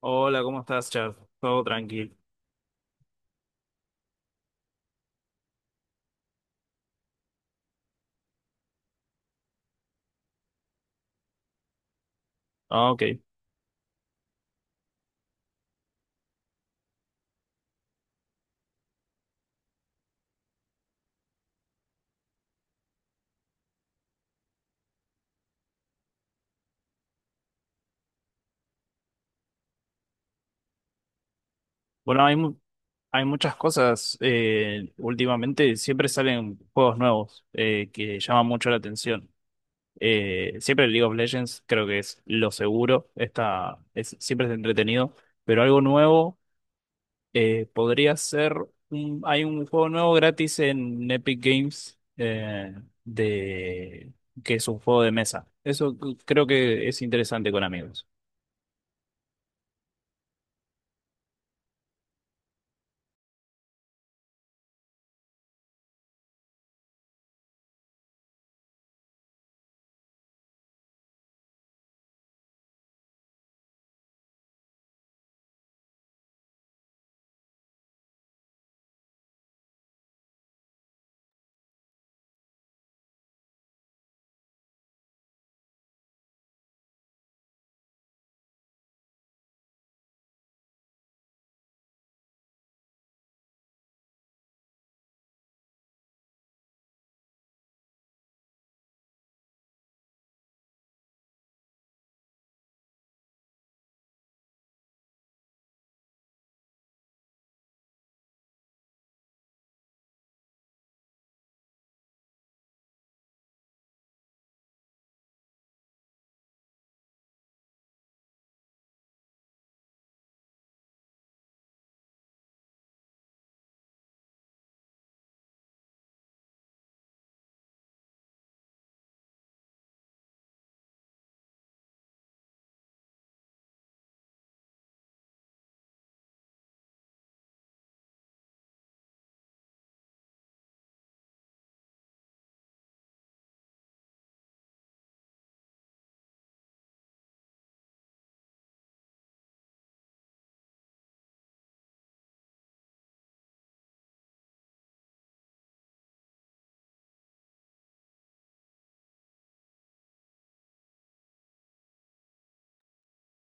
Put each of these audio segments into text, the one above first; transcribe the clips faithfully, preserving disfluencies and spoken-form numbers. Hola, ¿cómo estás, Chad? Todo tranquilo. Ah, ok. Bueno, hay, mu- hay muchas cosas. Eh, últimamente siempre salen juegos nuevos eh, que llaman mucho la atención. Eh, siempre League of Legends creo que es lo seguro. Está, es, siempre es entretenido. Pero algo nuevo eh, podría ser... un- hay un juego nuevo gratis en Epic Games, eh, de, que es un juego de mesa. Eso creo que es interesante con amigos.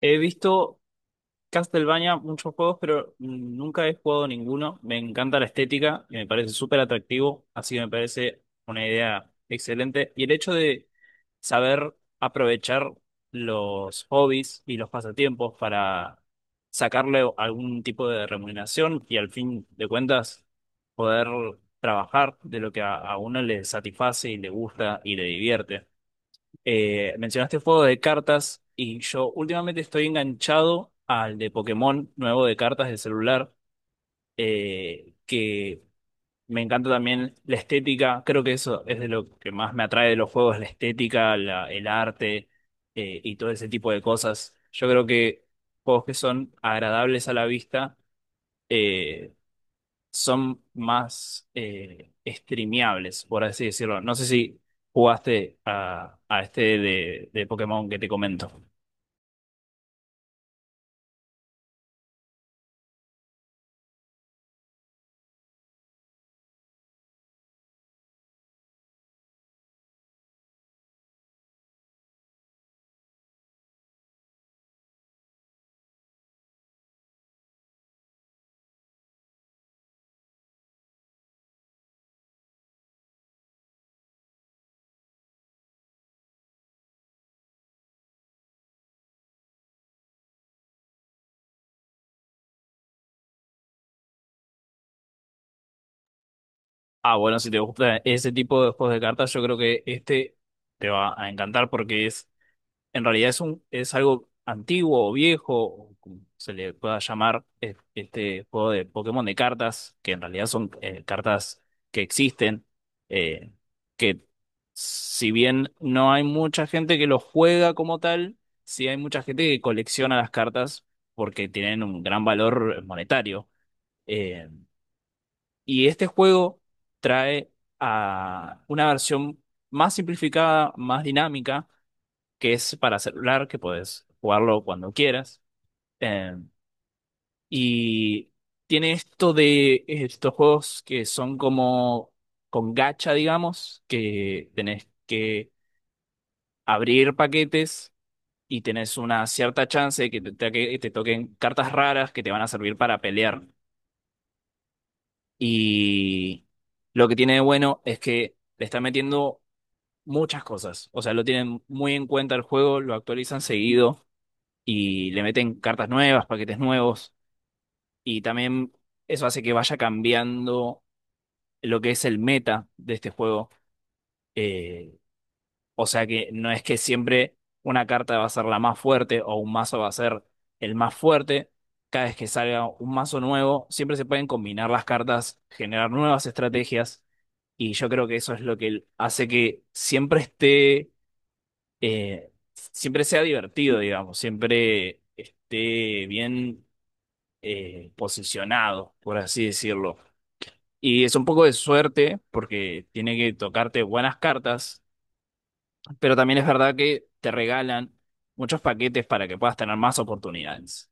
He visto Castlevania, muchos juegos, pero nunca he jugado ninguno. Me encanta la estética y me parece súper atractivo, así que me parece una idea excelente. Y el hecho de saber aprovechar los hobbies y los pasatiempos para sacarle algún tipo de remuneración y al fin de cuentas poder trabajar de lo que a, a uno le satisface y le gusta y le divierte. Eh, mencionaste juego de cartas y yo últimamente estoy enganchado al de Pokémon nuevo de cartas de celular, eh, que me encanta también la estética. Creo que eso es de lo que más me atrae de los juegos, la estética, la- el arte eh, y todo ese tipo de cosas. Yo creo que juegos que son agradables a la vista eh, son más, eh, streameables, por así decirlo. No sé si jugaste a, a este de, de Pokémon que te comento. Ah, bueno, si te gusta ese tipo de juegos de cartas, yo creo que este te va a encantar porque es en realidad es un, es algo antiguo o viejo, o como se le pueda llamar, eh, este juego de Pokémon de cartas, que en realidad son, eh, cartas que existen, eh, que si bien no hay mucha gente que los juega como tal, sí hay mucha gente que colecciona las cartas porque tienen un gran valor, eh, monetario. Eh, y este juego trae a una versión más simplificada, más dinámica, que es para celular, que puedes jugarlo cuando quieras. Eh, y tiene esto de estos juegos que son como con gacha, digamos, que tenés que abrir paquetes y tenés una cierta chance de que te, toque- te toquen cartas raras que te van a servir para pelear. Y lo que tiene de bueno es que le está metiendo muchas cosas. O sea, lo tienen muy en cuenta el juego, lo actualizan seguido y le meten cartas nuevas, paquetes nuevos, y también eso hace que vaya cambiando lo que es el meta de este juego. Eh, o sea que no es que siempre una carta va a ser la más fuerte o un mazo va a ser el más fuerte. Cada vez que salga un mazo nuevo, siempre se pueden combinar las cartas, generar nuevas estrategias, y yo creo que eso es lo que hace que siempre esté, eh, siempre sea divertido, digamos, siempre esté bien eh, posicionado, por así decirlo. Y es un poco de suerte porque tiene que tocarte buenas cartas, pero también es verdad que te regalan muchos paquetes para que puedas tener más oportunidades.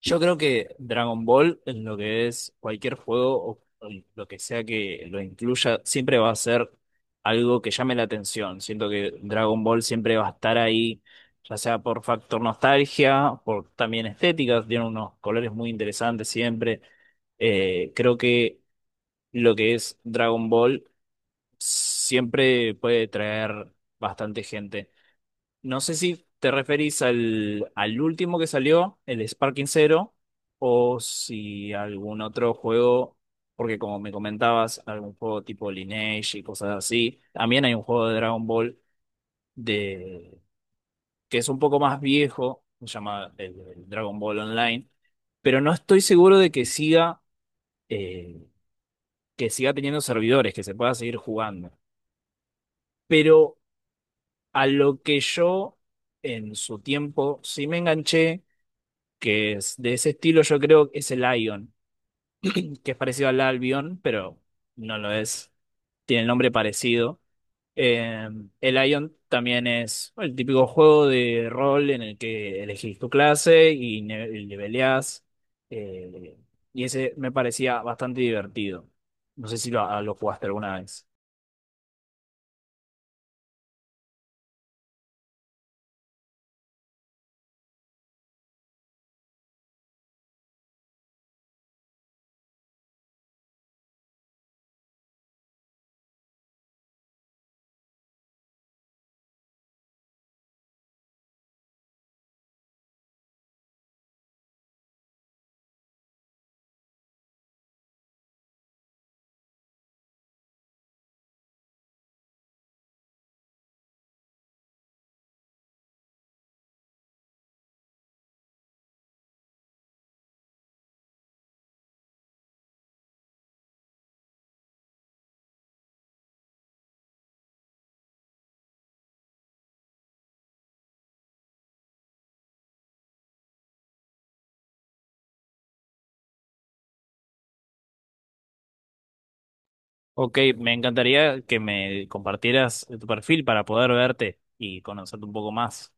Yo creo que Dragon Ball, en lo que es cualquier juego o o lo que sea que lo incluya, siempre va a ser algo que llame la atención. Siento que Dragon Ball siempre va a estar ahí, ya sea por factor nostalgia, por también estética, tiene unos colores muy interesantes siempre. Eh, creo que lo que es Dragon Ball siempre puede traer bastante gente. No sé si te referís al, al último que salió, el Sparking Zero, o si algún otro juego, porque como me comentabas, algún juego tipo Lineage y cosas así. También hay un juego de Dragon Ball de, que es un poco más viejo, se llama el, el Dragon Ball Online, pero no estoy seguro de que siga. eh, que siga teniendo servidores, que se pueda seguir jugando. Pero a lo que yo en su tiempo sí me enganché, que es de ese estilo, yo creo que es el Ion, que es parecido al Albion, pero no lo es, tiene el nombre parecido. Eh, el Ion también es el típico juego de rol en el que elegís tu clase y ne- y leveleás. eh, y ese me parecía bastante divertido. No sé si lo, a- lo jugaste alguna vez. Ok, me encantaría que me compartieras tu perfil para poder verte y conocerte un poco más.